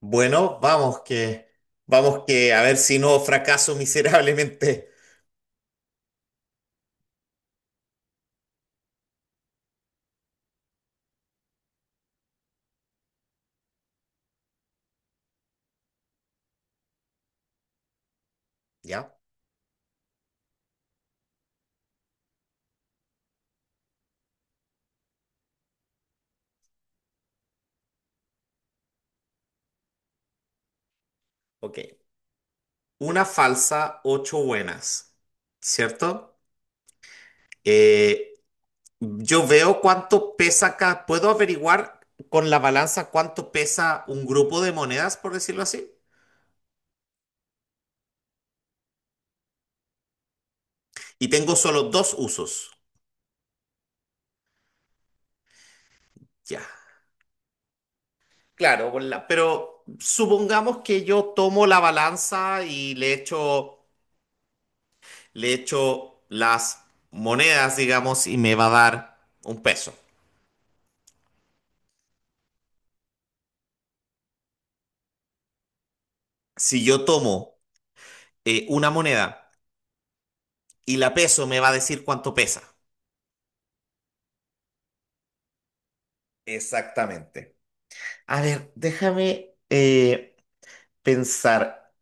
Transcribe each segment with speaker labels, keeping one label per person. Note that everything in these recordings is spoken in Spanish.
Speaker 1: Bueno, vamos que, a ver si no fracaso miserablemente. ¿Ya? Ok. Una falsa, ocho buenas, ¿cierto? Eh, yo veo cuánto pesa acá. ¿Puedo averiguar con la balanza cuánto pesa un grupo de monedas, por decirlo así? Y tengo solo dos usos. Ya. Claro, pero supongamos que yo tomo la balanza y le echo las monedas, digamos, y me va a dar un peso. Si yo tomo una moneda y la peso, me va a decir cuánto pesa. Exactamente. A ver, déjame pensar.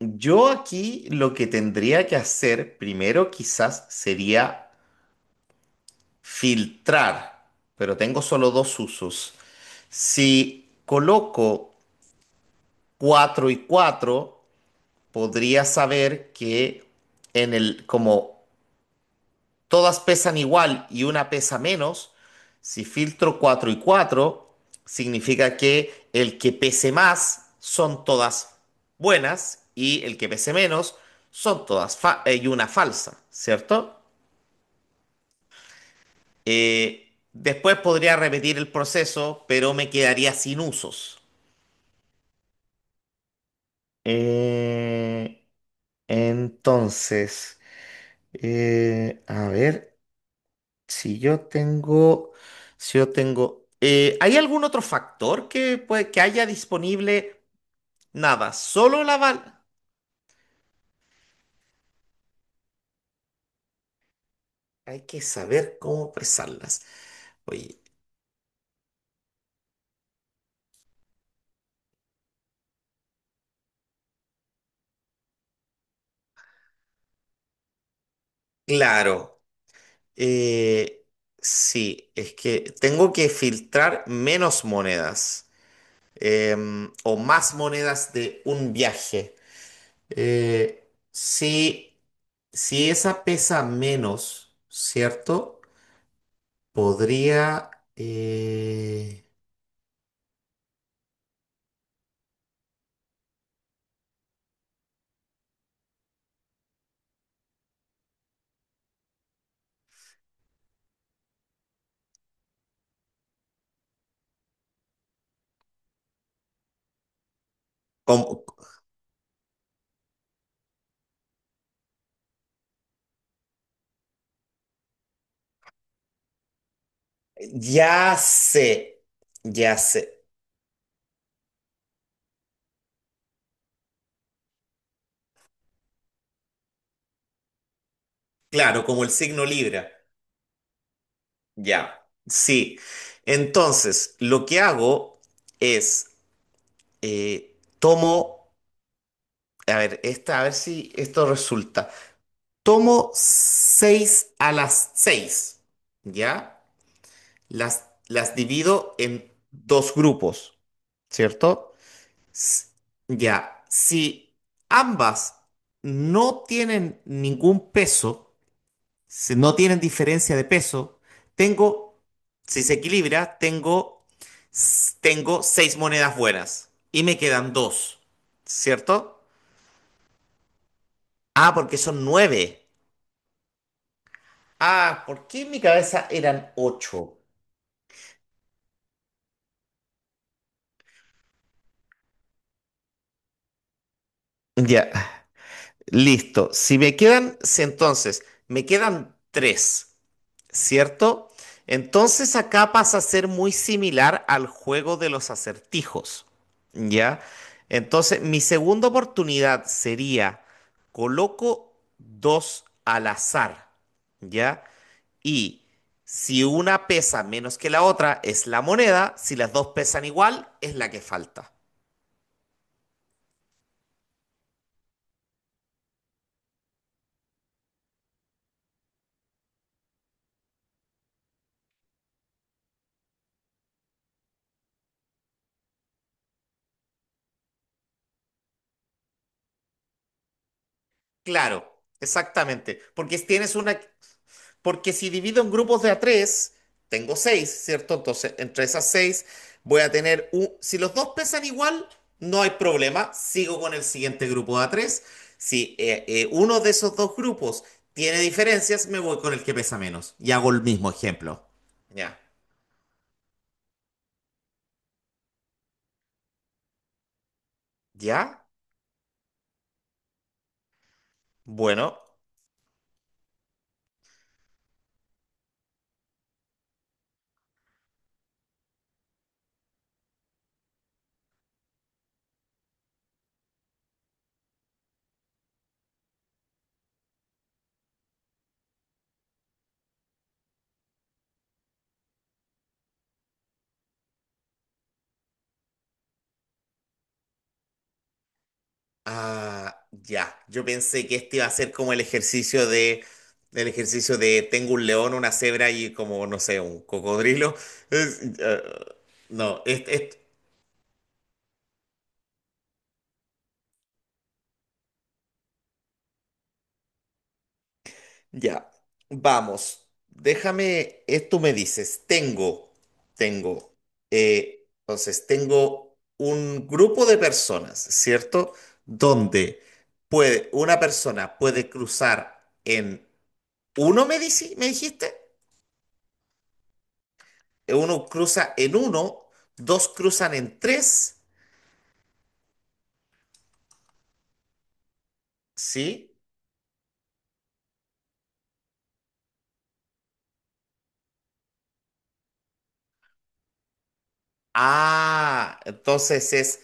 Speaker 1: Yo aquí lo que tendría que hacer primero quizás sería filtrar, pero tengo solo dos usos. Si coloco 4 y 4 podría saber que como todas pesan igual y una pesa menos, si filtro 4 y 4 significa que el que pese más son todas buenas y el que pese menos son todas y una falsa, ¿cierto? Después podría repetir el proceso, pero me quedaría sin usos. Eh, entonces, a ver. Si yo tengo, si yo tengo, ¿hay algún otro factor que, puede, que haya disponible? Nada, solo la bala. Hay que saber cómo pesarlas. Oye, claro, eh, sí, es que tengo que filtrar menos monedas o más monedas de un viaje. Sí. Si esa pesa menos, ¿cierto? Podría... eh, Como- ya sé, ya sé. Claro, como el signo Libra. Ya, sí. Entonces, lo que hago es, tomo, a ver, esta, a ver si esto resulta. Tomo seis a las seis, ¿ya? Las divido en dos grupos, ¿cierto? S- Ya, si ambas no tienen ningún peso, no tienen diferencia de peso. Tengo, si se equilibra, tengo, tengo seis monedas buenas y me quedan dos, ¿cierto? Ah, porque son nueve. Ah, ¿por qué en mi cabeza eran ocho? Ya, listo. Si me quedan, si entonces, me quedan tres. ¿Cierto? Entonces acá pasa a ser muy similar al juego de los acertijos, ¿ya? Entonces mi segunda oportunidad sería, coloco dos al azar, ¿ya? Y si una pesa menos que la otra, es la moneda, si las dos pesan igual, es la que falta. Claro, exactamente, porque tienes una... Porque si divido en grupos de a tres, tengo seis, ¿cierto? Entonces, entre esas seis voy a tener un... Si los dos pesan igual, no hay problema. Sigo con el siguiente grupo de a tres. Si uno de esos dos grupos tiene diferencias, me voy con el que pesa menos. Y hago el mismo ejemplo. Ya. ¿Ya? Bueno. Ah, ya. Yo pensé que este iba a ser como el ejercicio de tengo un león, una cebra y como, no sé, un cocodrilo. Es- ah, no, es- ya. Vamos. Déjame, esto me dices. Tengo, tengo. Entonces, tengo un grupo de personas, ¿cierto? Donde puede, una persona puede cruzar en uno, me dijiste. Uno cruza en uno, dos cruzan en tres, ¿sí? Ah,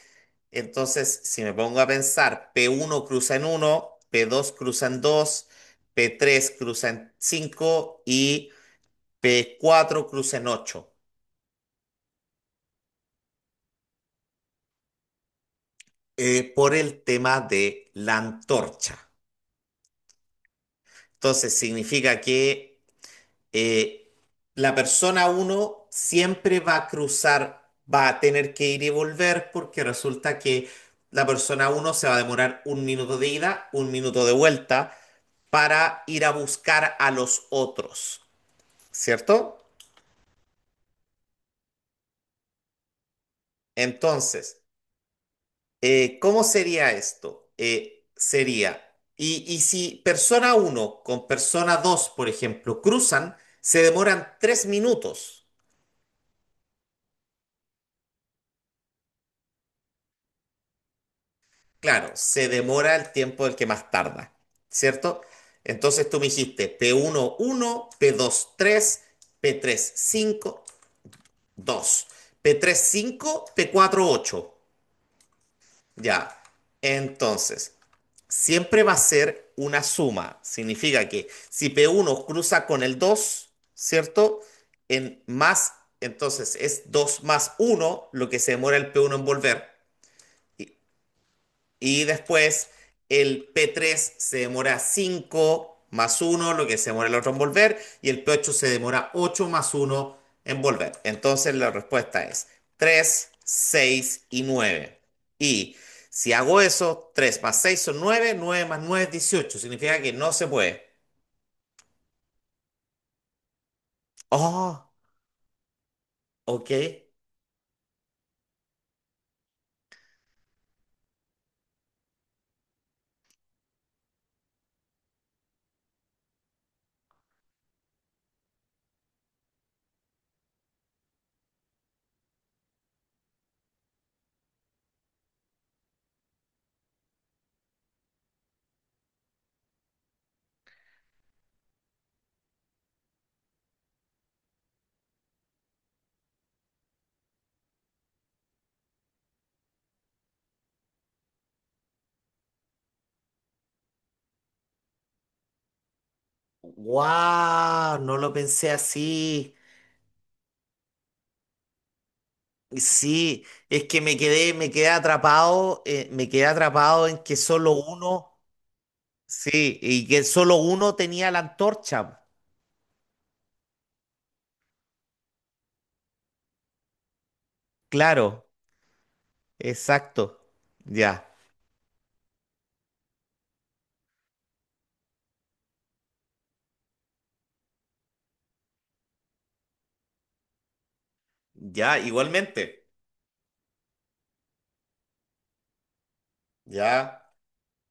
Speaker 1: entonces si me pongo a pensar, p uno cruza en uno, p dos cruza en dos, p tres cruza en cinco y p cuatro cruza en ocho, por el tema de la antorcha. Entonces significa que eh, la persona uno siempre va a cruzar, va a tener que ir y volver porque resulta que la persona uno se va a demorar un minuto de ida, un minuto de vuelta para ir a buscar a los otros, ¿cierto? Entonces, ¿cómo sería esto? Sería, y si persona uno con persona 2, por ejemplo, cruzan, se demoran tres minutos. Claro, se demora el tiempo del que más tarda, ¿cierto? Entonces tú me dijiste P1, uno uno, p dos tres, p 3 5 2, p tres cinco, p cuatro ocho, Ya. Entonces, siempre va a ser una suma. Significa que si p uno cruza con el 2, ¿cierto? En más, entonces es 2 más uno, lo que se demora el p uno en volver. Y después el p tres se demora 5 más uno lo que se demora el otro en volver, y el p ocho se demora 8 más uno en volver. Entonces la respuesta es 3 6 y nueve. Y si hago eso, 3 más 6 son 9 9 más 9 es 18. Significa que no se puede. Oh, ok. Wow, no lo pensé así. Sí, es que me quedé atrapado en que solo uno. Sí, y que solo uno tenía la antorcha. Claro, exacto. Ya. Ya, igualmente. Ya.